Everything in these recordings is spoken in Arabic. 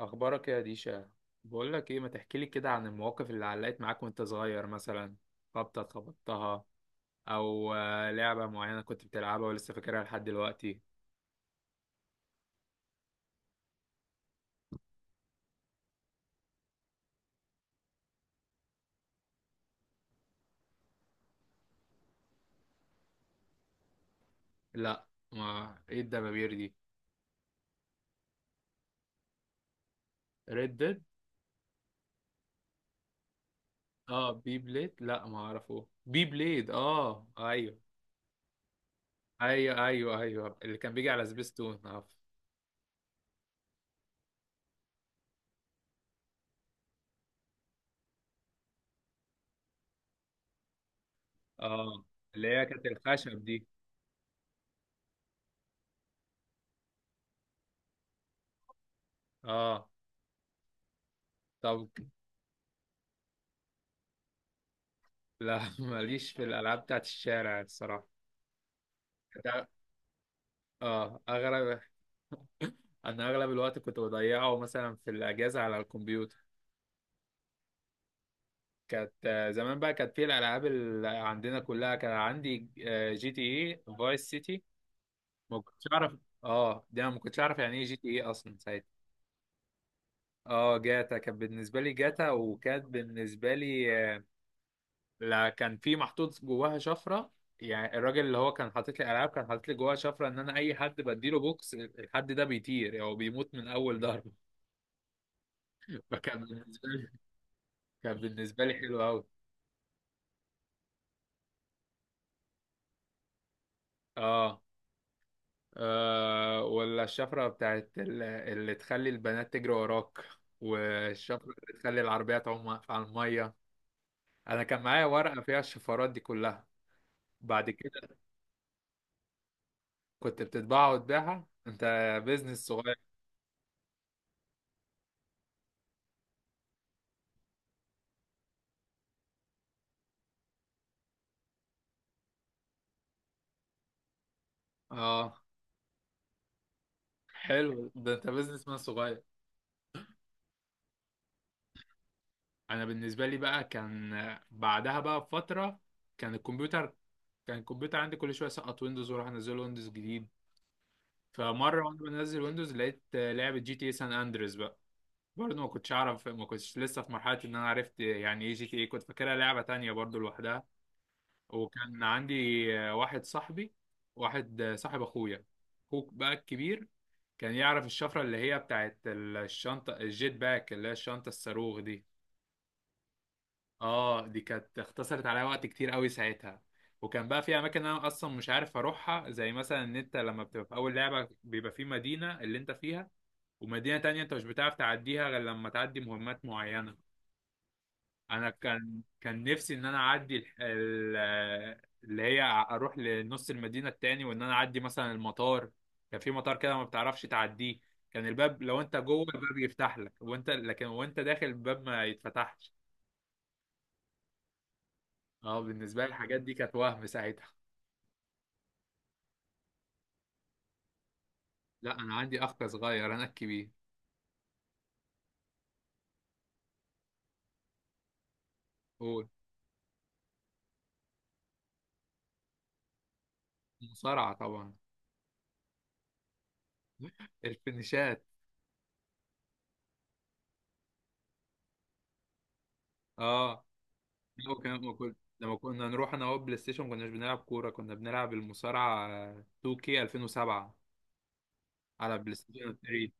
اخبارك إيه يا ديشا؟ بقول لك ايه، ما تحكي لي كده عن المواقف اللي علقت معاك وانت صغير مثلا؟ خبطه خبطتها، او لعبه معينه كنت بتلعبها ولسه فاكرها لحد دلوقتي. لا. ما ايه الدبابير دي؟ ريد ديد. اه، بي بليد. لا، ما اعرفه بي بليد. اه ايوه ايوه ايوه ايوه، اللي كان بيجي على سبيستون. اه. آه. اللي هي كانت الخشب دي. اه. طب. لا، ماليش في الالعاب بتاعت الشارع الصراحه. ده- اه اغرب. انا اغلب الوقت كنت بضيعه مثلا في الاجازه على الكمبيوتر. كانت زمان بقى كانت في الالعاب اللي عندنا كلها، كان عندي جي تي اي فايس سيتي. ما كنتش اعرف. اه، دي انا ما كنتش اعرف يعني ايه جي تي اي اصلا ساعتها. اه، جاتا كانت بالنسبه لي جاتا، وكانت بالنسبه لي لا، كان في محطوط جواها شفره. يعني الراجل اللي هو كان حاطط لي العاب كان حاطط لي جواها شفره ان انا اي حد بديله بوكس الحد ده بيطير، او يعني بيموت من اول ضربه. فكان بالنسبه لي، كان بالنسبه لي حلو قوي. اه. ولا الشفرة بتاعت اللي تخلي البنات تجري وراك، والشفرة اللي تخلي العربية تعوم على المية. أنا كان معايا ورقة فيها الشفرات دي كلها. بعد كده كنت بتطبعها وتبيعها أنت؟ بيزنس صغير. اه، حلو ده، أنت بيزنس مان صغير. أنا بالنسبة لي بقى كان، بعدها بقى بفترة، كان الكمبيوتر كان الكمبيوتر عندي كل شوية سقط ويندوز وأروح أنزله ويندوز جديد. فمرة وأنا بنزل ويندوز لقيت لعبة جي تي اي سان أندريس. برضه ما كنتش اعرف، ما كنتش لسه في مرحله ان انا عرفت يعني ايه جي تي ايه، كنت فاكرها لعبه تانية برضه لوحدها. وكان عندي واحد صاحبي، واحد صاحب اخويا، اخوك بقى الكبير، كان يعرف الشفره اللي هي بتاعت الشنطه الجيت باك، اللي هي الشنطه الصاروخ دي. اه، دي كانت اختصرت عليا وقت كتير قوي ساعتها. وكان بقى في اماكن انا اصلا مش عارف اروحها، زي مثلا ان انت لما بتبقى في اول لعبه بيبقى في مدينه اللي انت فيها، ومدينه تانية انت مش بتعرف تعديها غير لما تعدي مهمات معينه. انا كان نفسي ان انا اعدي اللي هي اروح لنص المدينه التاني، وان انا اعدي مثلا المطار. كان في مطار كده ما بتعرفش تعديه، كان الباب لو انت جوه الباب يفتح لك، وانت داخل الباب ما يتفتحش. اه، بالنسبه لي الحاجات دي كانت وهم ساعتها. لا، انا عندي اخ صغير، انا الكبير. هو المصارعه طبعا. الفينيشات. اه. لا، لما كنا نروح انا وهو بلاي ستيشن ما كناش بنلعب كوره، كنا بنلعب المصارعه 2K 2007 على بلاي ستيشن 3.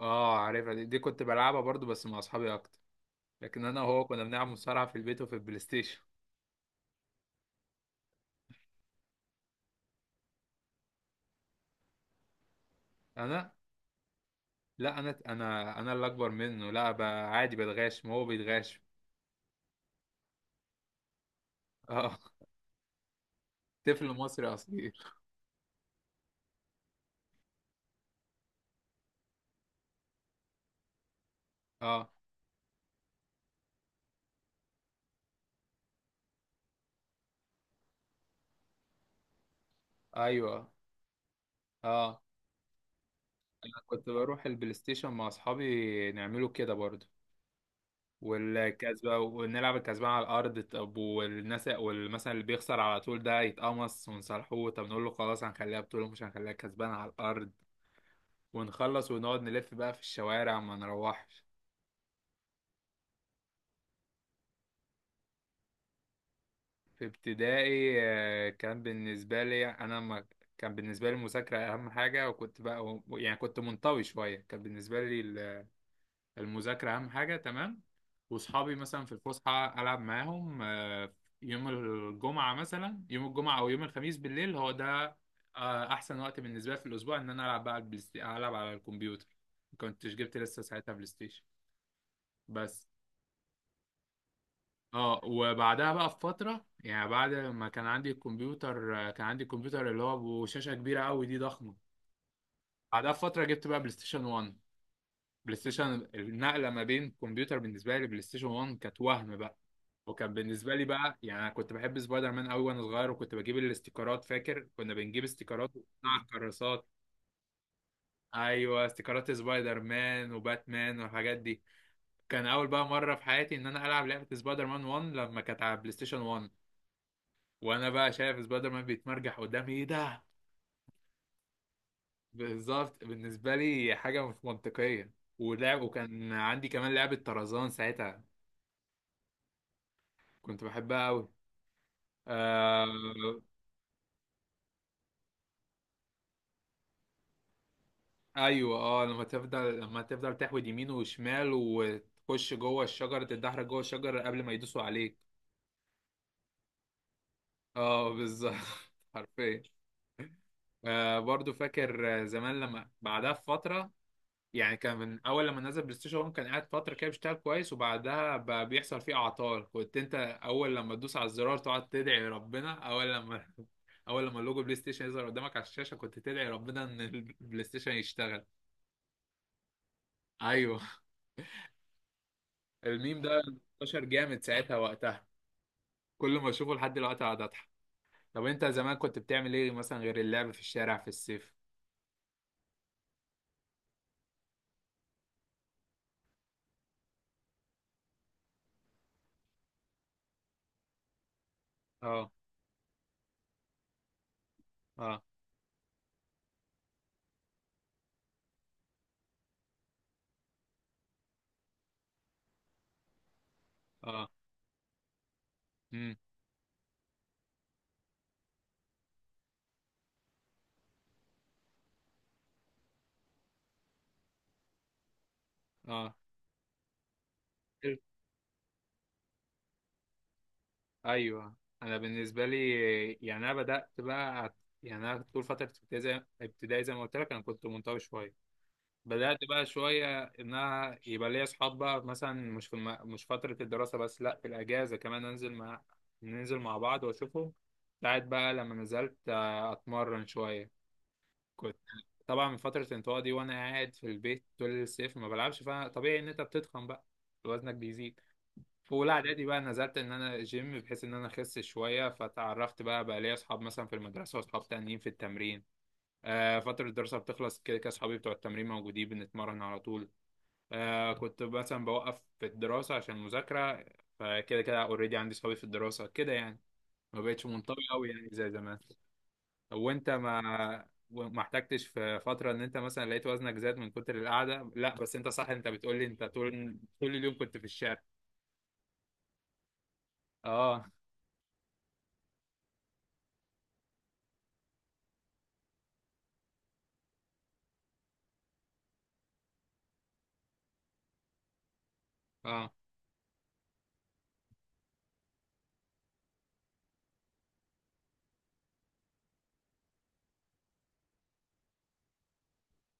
اه، عارفها دي، كنت بلعبها برضو بس مع اصحابي اكتر. لكن انا وهو كنا بنلعب مصارعة في البيت وفي البلاي ستيشن. انا، لا، انا اللي اكبر منه، لا بقى عادي بتغاش ما هو بيتغاش. اه. طفل مصري اصيل. اه. ايوه. اه. انا كنت بروح البلاي ستيشن مع اصحابي نعمله كده برضو. والكسبة ونلعب الكسبان على الأرض، طب والناس والمثلا اللي بيخسر على طول ده يتقمص، ونصالحوه طب نقول له خلاص هنخليها بطولة مش هنخليها كسبان على الأرض. ونخلص ونقعد نلف بقى في الشوارع ما نروحش. في ابتدائي كان بالنسبة لي أنا ما كان بالنسبة لي المذاكرة أهم حاجة، وكنت بقى يعني كنت منطوي شوية، كان بالنسبة لي المذاكرة أهم حاجة تمام. وصحابي مثلا في الفسحة ألعب معاهم. يوم الجمعة أو يوم الخميس بالليل هو ده أحسن وقت بالنسبة لي في الأسبوع إن أنا ألعب بقى على ألعب على الكمبيوتر. ما كنتش جبت لسه ساعتها بلاي ستيشن بس. اه، وبعدها بقى بفترة يعني بعد ما كان عندي الكمبيوتر، كان عندي الكمبيوتر اللي هو بشاشة كبيرة قوي دي، ضخمة. بعدها بفترة جبت بقى بلاي ستيشن 1. بلاي ستيشن النقلة ما بين كمبيوتر بالنسبة لي، بلاي ستيشن 1 كانت وهم بقى. وكان بالنسبة لي بقى يعني، أنا كنت بحب سبايدر مان قوي وأنا صغير، وكنت بجيب الاستيكرات، فاكر كنا بنجيب استيكرات ونقطع الكراسات. أيوه، استيكرات سبايدر مان وباتمان والحاجات دي. كان أول بقى مرة في حياتي إن أنا ألعب لعبة سبايدر مان 1 لما كانت على بلاي ستيشن 1. وانا بقى شايف سبايدر مان بيتمرجح قدامي، ايه ده! بالظبط، بالنسبه لي حاجه مش منطقيه. ولعب، وكان عندي كمان لعبه طرزان ساعتها، كنت بحبها قوي. آه... ايوه، اه، لما تفضل تحود يمين وشمال وتخش جوه الشجره، تتدحرج جوه الشجره قبل ما يدوسوا عليك. اه بالظبط. حرفيا. آه، برضو فاكر زمان لما بعدها بفتره، يعني كان من اول لما نزل بلاي ستيشن 1 كان قاعد فتره كده بيشتغل كويس، وبعدها بقى بيحصل فيه اعطال. كنت انت اول لما تدوس على الزرار تقعد تدعي ربنا، اول لما اول لما لوجو بلاي ستيشن يظهر قدامك على الشاشه كنت تدعي ربنا ان البلاي ستيشن يشتغل. ايوه. الميم ده انتشر جامد ساعتها وقتها، كل ما اشوفه لحد دلوقتي اقعد اضحك. طب انت زمان كنت بتعمل ايه مثلا غير اللعب في الشارع في الصيف؟ اه. اه. اه. امم اه. ايوه. انا بالنسبه لي يعني، انا بدات بقى يعني انا طول فتره ابتدائي، زي ما قلت لك انا كنت منطوي شويه. بدات بقى شويه ان انا يبقى ليا اصحاب بقى، مثلا مش مش فتره الدراسه بس، لا، في الاجازه كمان انزل مع، ننزل مع بعض واشوفهم. ساعات بقى لما نزلت اتمرن شويه كنت. طبعا من فتره الانطواء دي وانا قاعد في البيت طول الصيف ما بلعبش، فطبيعي ان انت بتتخن بقى، وزنك بيزيد. في اولى اعدادي بقى نزلت ان انا جيم بحيث ان انا اخس شويه، فتعرفت بقى ليا اصحاب مثلا في المدرسه واصحاب تانيين في التمرين. آه، فتره الدراسه بتخلص كده كده اصحابي بتوع التمرين موجودين بنتمرن على طول. آه، كنت مثلا بوقف في الدراسه عشان المذاكره، فكده كده اوريدي عندي اصحابي في الدراسه كده يعني، ما بقتش منطوي قوي يعني زي زمان. وانت ما ما احتجتش في فتره ان انت مثلا لقيت وزنك زاد من كتر القعده، لا بس انت صح، انت بتقولي انت طول طول اليوم كنت في الشارع. اه. اه.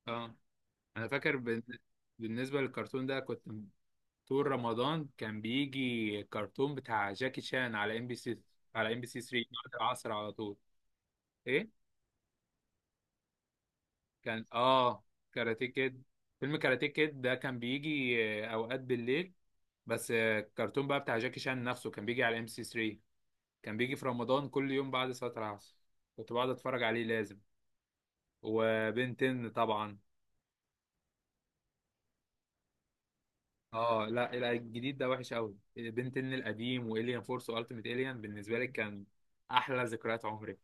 اه. انا فاكر بالنسبه للكرتون ده كنت، طول رمضان كان بيجي كرتون بتاع جاكي شان على ام بي سي، على ام بي سي 3 بعد العصر على طول. ايه. كان، اه، كاراتيه كيد. فيلم كاراتيه كيد ده كان بيجي اوقات بالليل. بس الكرتون بقى بتاع جاكي شان نفسه كان بيجي على ام بي سي 3، كان بيجي في رمضان كل يوم بعد صلاة العصر، كنت بقعد اتفرج عليه لازم. وبنتن طبعا. اه، لا لا، الجديد ده وحش قوي، بنتن القديم والين فورس والتيميت الين بالنسبه لي كان احلى ذكريات عمري.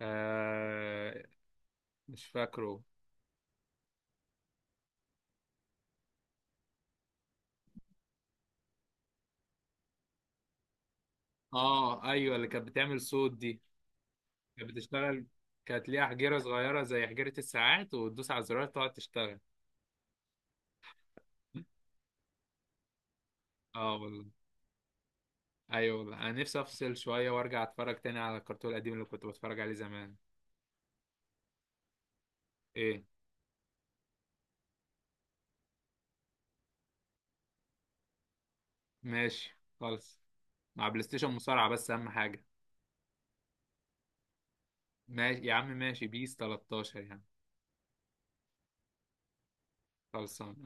آه. مش فاكره. اه ايوه، اللي كانت بتعمل صوت دي. كانت بتشتغل، كانت ليها حجيره صغيره زي حجيره الساعات، وتدوس على الزرار تقعد تشتغل. اه والله. ايوه والله، انا نفسي افصل شويه وارجع اتفرج تاني على الكرتون القديم اللي كنت بتفرج عليه زمان. ايه. ماشي خالص. مع بلاي ستيشن مصارعه بس اهم حاجه. ماشي يا عم، ماشي، بيس 13 يعني. خلصان.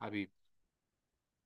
حبيبي.